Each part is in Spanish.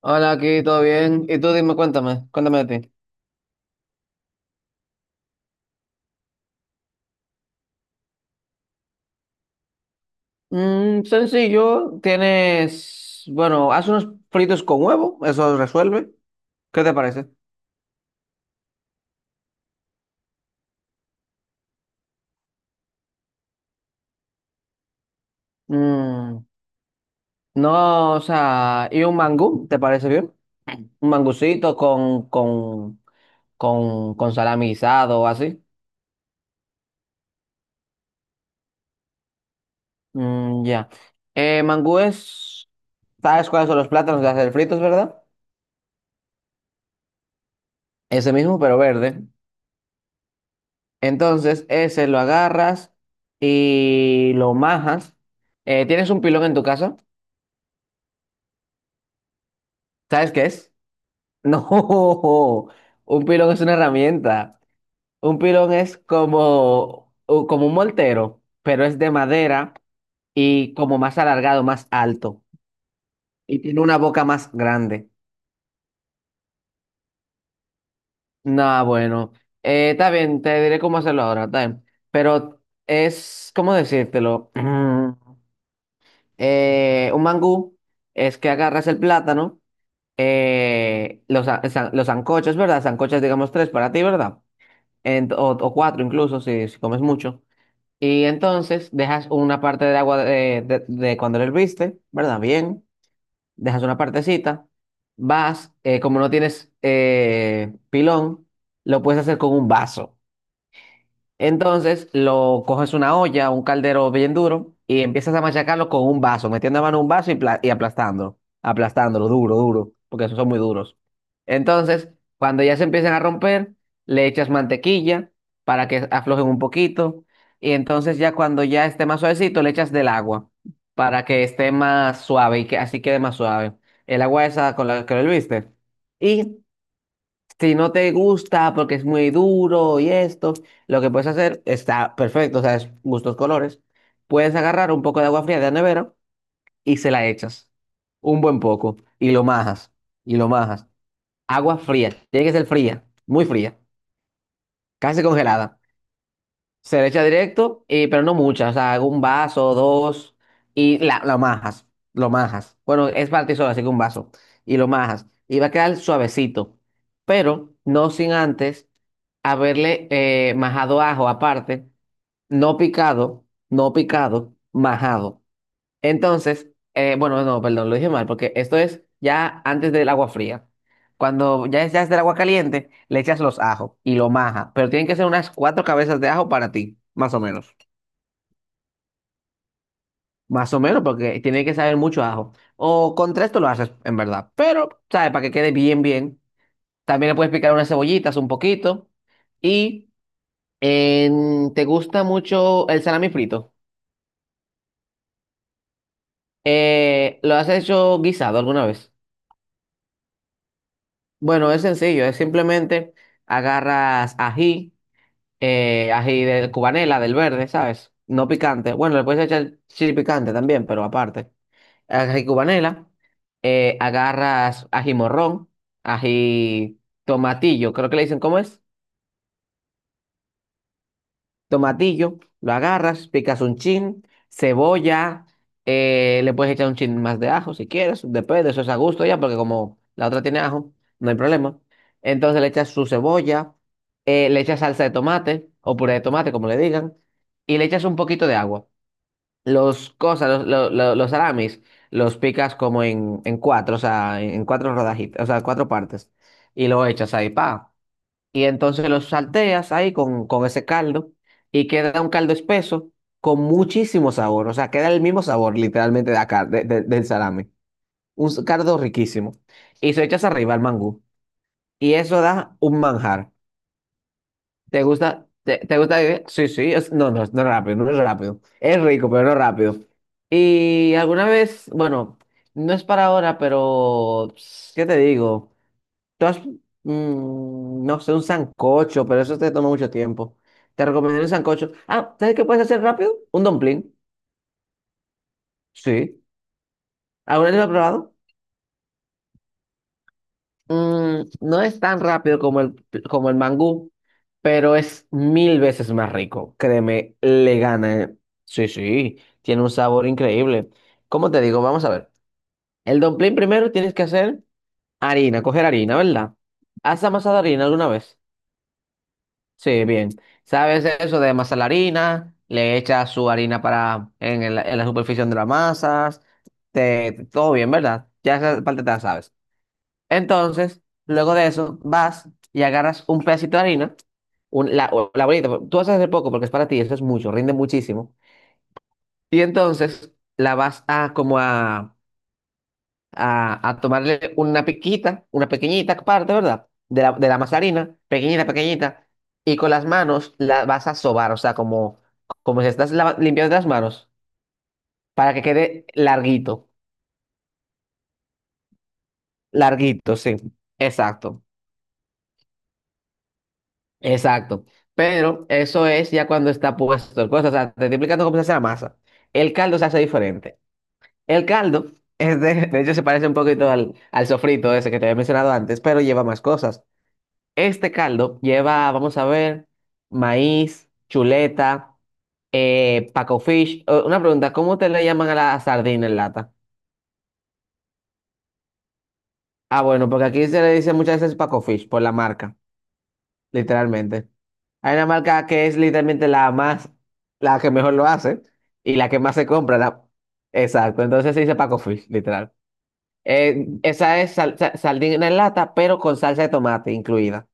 Hola, aquí todo bien. Y tú dime, cuéntame de ti. Sencillo, tienes, bueno, haz unos fritos con huevo, eso resuelve. ¿Qué te parece? Mm, no, o sea, ¿y un mangú? ¿Te parece bien? Un mangucito con salami guisado o así. Mm, ya. Mangú es, ¿sabes cuáles son los plátanos de hacer fritos, verdad? Ese mismo, pero verde. Entonces, ese lo agarras y lo majas. ¿Tienes un pilón en tu casa? ¿Sabes qué es? No, un pilón es una herramienta. Un pilón es como, como un moltero, pero es de madera y como más alargado, más alto. Y tiene una boca más grande. Nah, bueno. Está bien, te diré cómo hacerlo ahora, está bien. Pero es, ¿cómo decírtelo? Un mangú es que agarras el plátano los sancochos, ¿verdad? Sancochos, digamos, tres para ti, ¿verdad? O cuatro incluso, si comes mucho. Y entonces dejas una parte de agua de cuando lo herviste, ¿verdad? Bien, dejas una partecita, vas, como no tienes pilón, lo puedes hacer con un vaso. Entonces lo coges una olla, un caldero bien duro y empiezas a machacarlo con un vaso, metiendo la mano en un vaso y aplastándolo, aplastándolo duro, duro, porque esos son muy duros. Entonces, cuando ya se empiezan a romper, le echas mantequilla para que aflojen un poquito y entonces ya cuando ya esté más suavecito, le echas del agua para que esté más suave y que así quede más suave. El agua esa con la que lo viste. Y si no te gusta porque es muy duro y esto, lo que puedes hacer está perfecto, o sea, es gustos colores. Puedes agarrar un poco de agua fría de la nevera y se la echas. Un buen poco. Y lo majas. Y lo majas. Agua fría. Tiene que ser fría. Muy fría. Casi congelada. Se le echa directo, pero no muchas, o sea, hago un vaso, dos, y lo majas, lo majas. Bueno, es para ti así que un vaso, y lo majas. Y va a quedar suavecito, pero no sin antes haberle majado ajo aparte, no picado, no picado, majado. Entonces, bueno, no, perdón, lo dije mal, porque esto es ya antes del agua fría. Cuando ya es del agua caliente, le echas los ajos y lo majas, pero tienen que ser unas cuatro cabezas de ajo para ti, más o menos. Más o menos, porque tiene que saber mucho a ajo. O con tres tú lo haces, en verdad. Pero, ¿sabes? Para que quede bien, bien. También le puedes picar unas cebollitas un poquito. Y te gusta mucho el salami frito. ¿Lo has hecho guisado alguna vez? Bueno, es sencillo, es simplemente agarras ají, ají de cubanela, del verde, ¿sabes? No picante. Bueno, le puedes echar chili picante también, pero aparte. Ají cubanela, agarras ají morrón, ají tomatillo, creo que le dicen, ¿cómo es? Tomatillo, lo agarras, picas un chin, cebolla, le puedes echar un chin más de ajo si quieres, depende, eso es a gusto ya, porque como la otra tiene ajo, no hay problema. Entonces le echas su cebolla, le echas salsa de tomate o puré de tomate, como le digan, y le echas un poquito de agua. Los cosas, los, lo- los salamis, los picas como en cuatro, o sea, en cuatro rodajitas, o sea, cuatro partes, y lo echas ahí, pa y entonces los salteas ahí con, ese caldo y queda un caldo espeso con muchísimo sabor, o sea, queda el mismo sabor literalmente de la de- del salame, un caldo riquísimo y se echas arriba al mangú y eso da un manjar. ¿Te gusta? ¿Te gusta? La Sí, sí, no, no, no es rápido, no es rápido, es rico, pero no rápido. Y alguna vez, bueno, no es para ahora, pero ¿qué te digo? Tú has- no sé, un sancocho, pero eso te toma mucho tiempo. Te recomendaría un sancocho. Ah, ¿sabes qué puedes hacer rápido? Un dumpling. Sí. ¿Alguna vez lo has probado? No es tan rápido como el mangú, pero es mil veces más rico. Créeme, le gana. Sí, sí, tiene un sabor increíble. ¿Cómo te digo? Vamos a ver. El dumpling primero tienes que hacer harina, coger harina, ¿verdad? ¿Has amasado harina alguna vez? Sí, bien. ¿Sabes eso de amasar la harina? Le echas su harina para en la superficie de las masas. Todo bien, ¿verdad? Ya esa parte te la sabes. Entonces, luego de eso, vas y agarras un pedacito de harina, o la bolita. Pues, tú vas a hacer poco porque es para ti, eso es mucho, rinde muchísimo. Y entonces la vas a como a tomarle una piquita, una pequeñita parte, ¿verdad? De la masa de harina, pequeñita, pequeñita, y con las manos la vas a sobar, o sea, como si estás limpiando las manos, para que quede larguito, larguito, sí, exacto, exacto. Pero eso es ya cuando está puesto el cosa, o sea, te estoy explicando cómo se hace la masa. El caldo se hace diferente. El caldo, es de hecho, se parece un poquito al sofrito ese que te había mencionado antes, pero lleva más cosas. Este caldo lleva, vamos a ver, maíz, chuleta, paco fish. Una pregunta, ¿cómo te le llaman a la sardina en lata? Ah, bueno, porque aquí se le dice muchas veces paco fish por la marca, literalmente. Hay una marca que es literalmente la más, la que mejor lo hace y la que más se compra. Exacto, entonces se dice paco fish, literal. Esa es sardina en lata, pero con salsa de tomate incluida.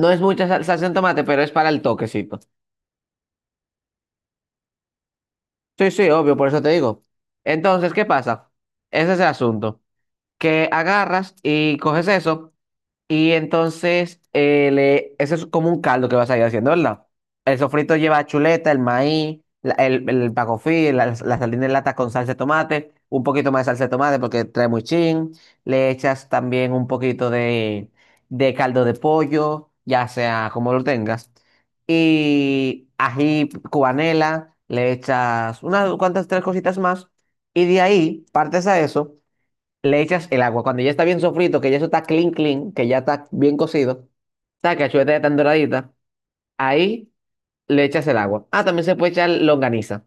No es mucha salsa de tomate, pero es para el toquecito. Sí, sí, obvio, por eso te digo. Entonces, ¿qué pasa? Ese es el asunto. Que agarras y coges eso, y entonces, eso es como un caldo que vas a ir haciendo, ¿verdad? El sofrito lleva chuleta, el maíz, el pacofí, la sardina en lata con salsa de tomate, un poquito más de salsa de tomate porque trae muy chin. Le echas también un poquito de caldo de pollo, ya sea como lo tengas. Y ají cubanela, le echas unas cuantas tres cositas más. Y de ahí partes a eso le echas el agua. Cuando ya está bien sofrito, que ya eso está clean, clean, que ya está bien cocido, está que la chuleta ya está doradita, ahí le echas el agua. Ah, también se puede echar longaniza.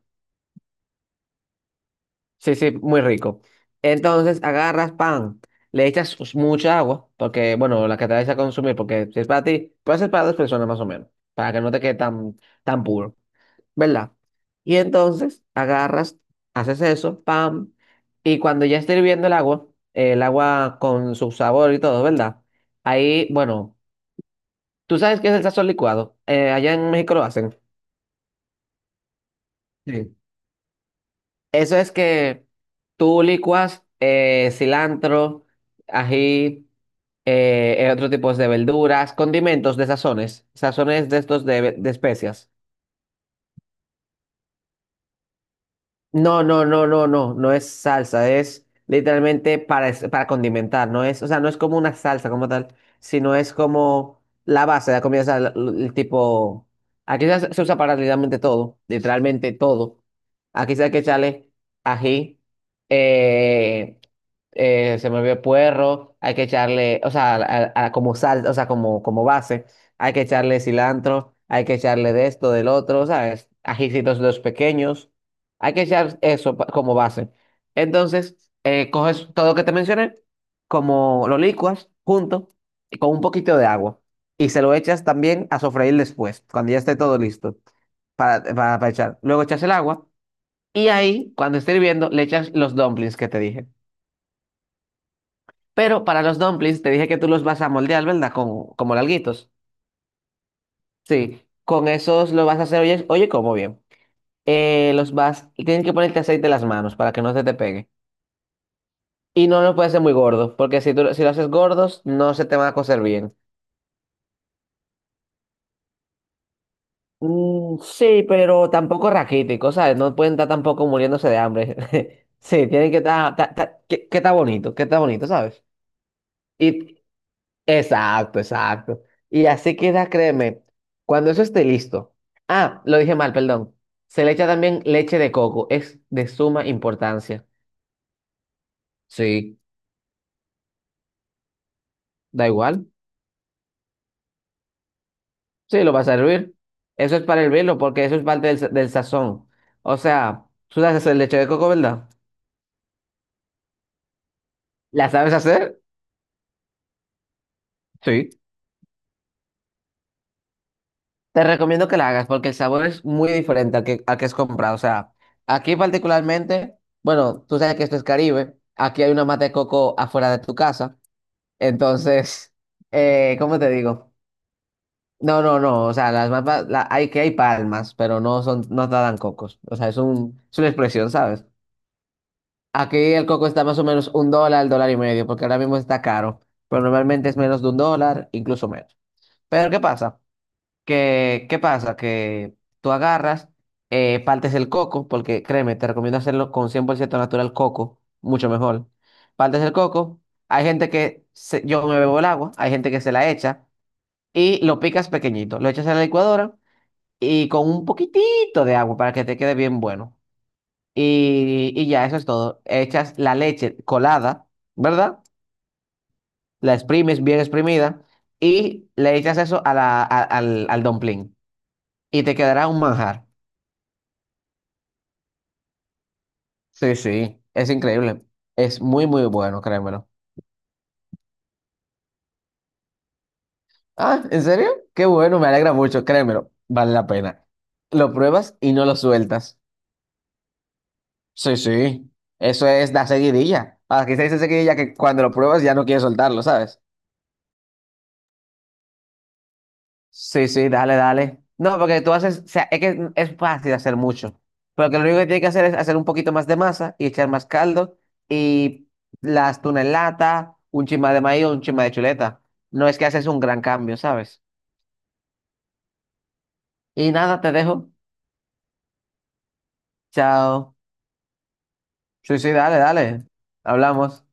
Sí, sí, muy rico. Entonces agarras pan, le echas mucha agua, porque, bueno, la que te vayas a consumir, porque si es para ti, puede ser para dos personas más o menos, para que no te quede tan, tan puro. ¿Verdad? Y entonces agarras, haces eso, pam, y cuando ya está hirviendo el agua con su sabor y todo, ¿verdad? Ahí, bueno, tú sabes qué es el sazón licuado. Allá en México lo hacen. Sí. Eso es que tú licuas cilantro, ají, otro tipo de verduras, condimentos de sazones, sazones de estos de especias. No, no, no, no, no, no es salsa, es literalmente para condimentar, no es, o sea, no es como una salsa como tal, sino es como la base de la comida, o sea, tipo, aquí se usa para literalmente todo, literalmente todo. Aquí se hay que echarle ají, eh, se me olvidó puerro, hay que echarle, o sea, como sal, o sea, como base, hay que echarle cilantro, hay que echarle de esto, del otro, ¿sabes? Ajicitos los pequeños. Hay que echar eso como base. Entonces, coges todo lo que te mencioné, como lo licuas junto y con un poquito de agua. Y se lo echas también a sofreír después, cuando ya esté todo listo para echar. Luego echas el agua y ahí, cuando esté hirviendo, le echas los dumplings que te dije. Pero para los dumplings te dije que tú los vas a moldear, ¿verdad? Con, como larguitos. Sí, con esos lo vas a hacer, oye, oye, como bien. Los vas y tienes que ponerte aceite en las manos para que no se te pegue. Y no lo puedes hacer muy gordo, porque si, tú, si lo haces gordos, no se te van a cocer bien. Mm, sí, pero tampoco raquítico, ¿sabes? No pueden estar tampoco muriéndose de hambre. Sí, tienen que estar, que está bonito, que está bonito, ¿sabes? Y, exacto, exacto. Y así queda, créeme, cuando eso esté listo. Ah, lo dije mal, perdón. Se le echa también leche de coco, es de suma importancia. Sí, da igual. Sí, lo vas a hervir. Eso es para hervirlo, porque eso es parte del sazón. O sea, tú sabes hacer leche de coco, ¿verdad? ¿La sabes hacer? Sí. Te recomiendo que la hagas porque el sabor es muy diferente al que es comprado. O sea, aquí particularmente, bueno, tú sabes que esto es Caribe. Aquí hay una mata de coco afuera de tu casa. Entonces, ¿cómo te digo? No, no, no. O sea, las mapas, hay palmas, pero no son, no te dan cocos. O sea, es un, es una expresión, ¿sabes? Aquí el coco está más o menos un dólar, dólar y medio, porque ahora mismo está caro, pero normalmente es menos de un dólar, incluso menos. Pero ¿qué pasa? Que, ¿qué pasa? Que tú agarras, partes el coco, porque créeme, te recomiendo hacerlo con 100% natural coco, mucho mejor. Partes el coco, hay gente que yo me bebo el agua, hay gente que se la echa y lo picas pequeñito, lo echas en la licuadora y con un poquitito de agua para que te quede bien bueno. Y ya, eso es todo. Echas la leche colada, ¿verdad? La exprimes bien exprimida y le echas eso a la, a- al, al dumpling. Y te quedará un manjar. Sí, sí, es increíble. Es muy, muy bueno, créemelo. Ah, ¿en serio? Qué bueno, me alegra mucho, créemelo. Vale la pena. Lo pruebas y no lo sueltas. Sí, sí. Eso es la seguidilla. Aquí se dice seguidilla que cuando lo pruebas ya no quieres soltarlo, ¿sabes? Sí, sí, dale, dale. No, porque tú haces, o sea, es que es fácil hacer mucho. Pero que lo único que tienes que hacer es hacer un poquito más de masa y echar más caldo y las tunas en lata, un chima de maíz o un chima de chuleta. No es que haces un gran cambio, ¿sabes? Y nada, te dejo. Chao. Sí, sí, dale, dale. Hablamos.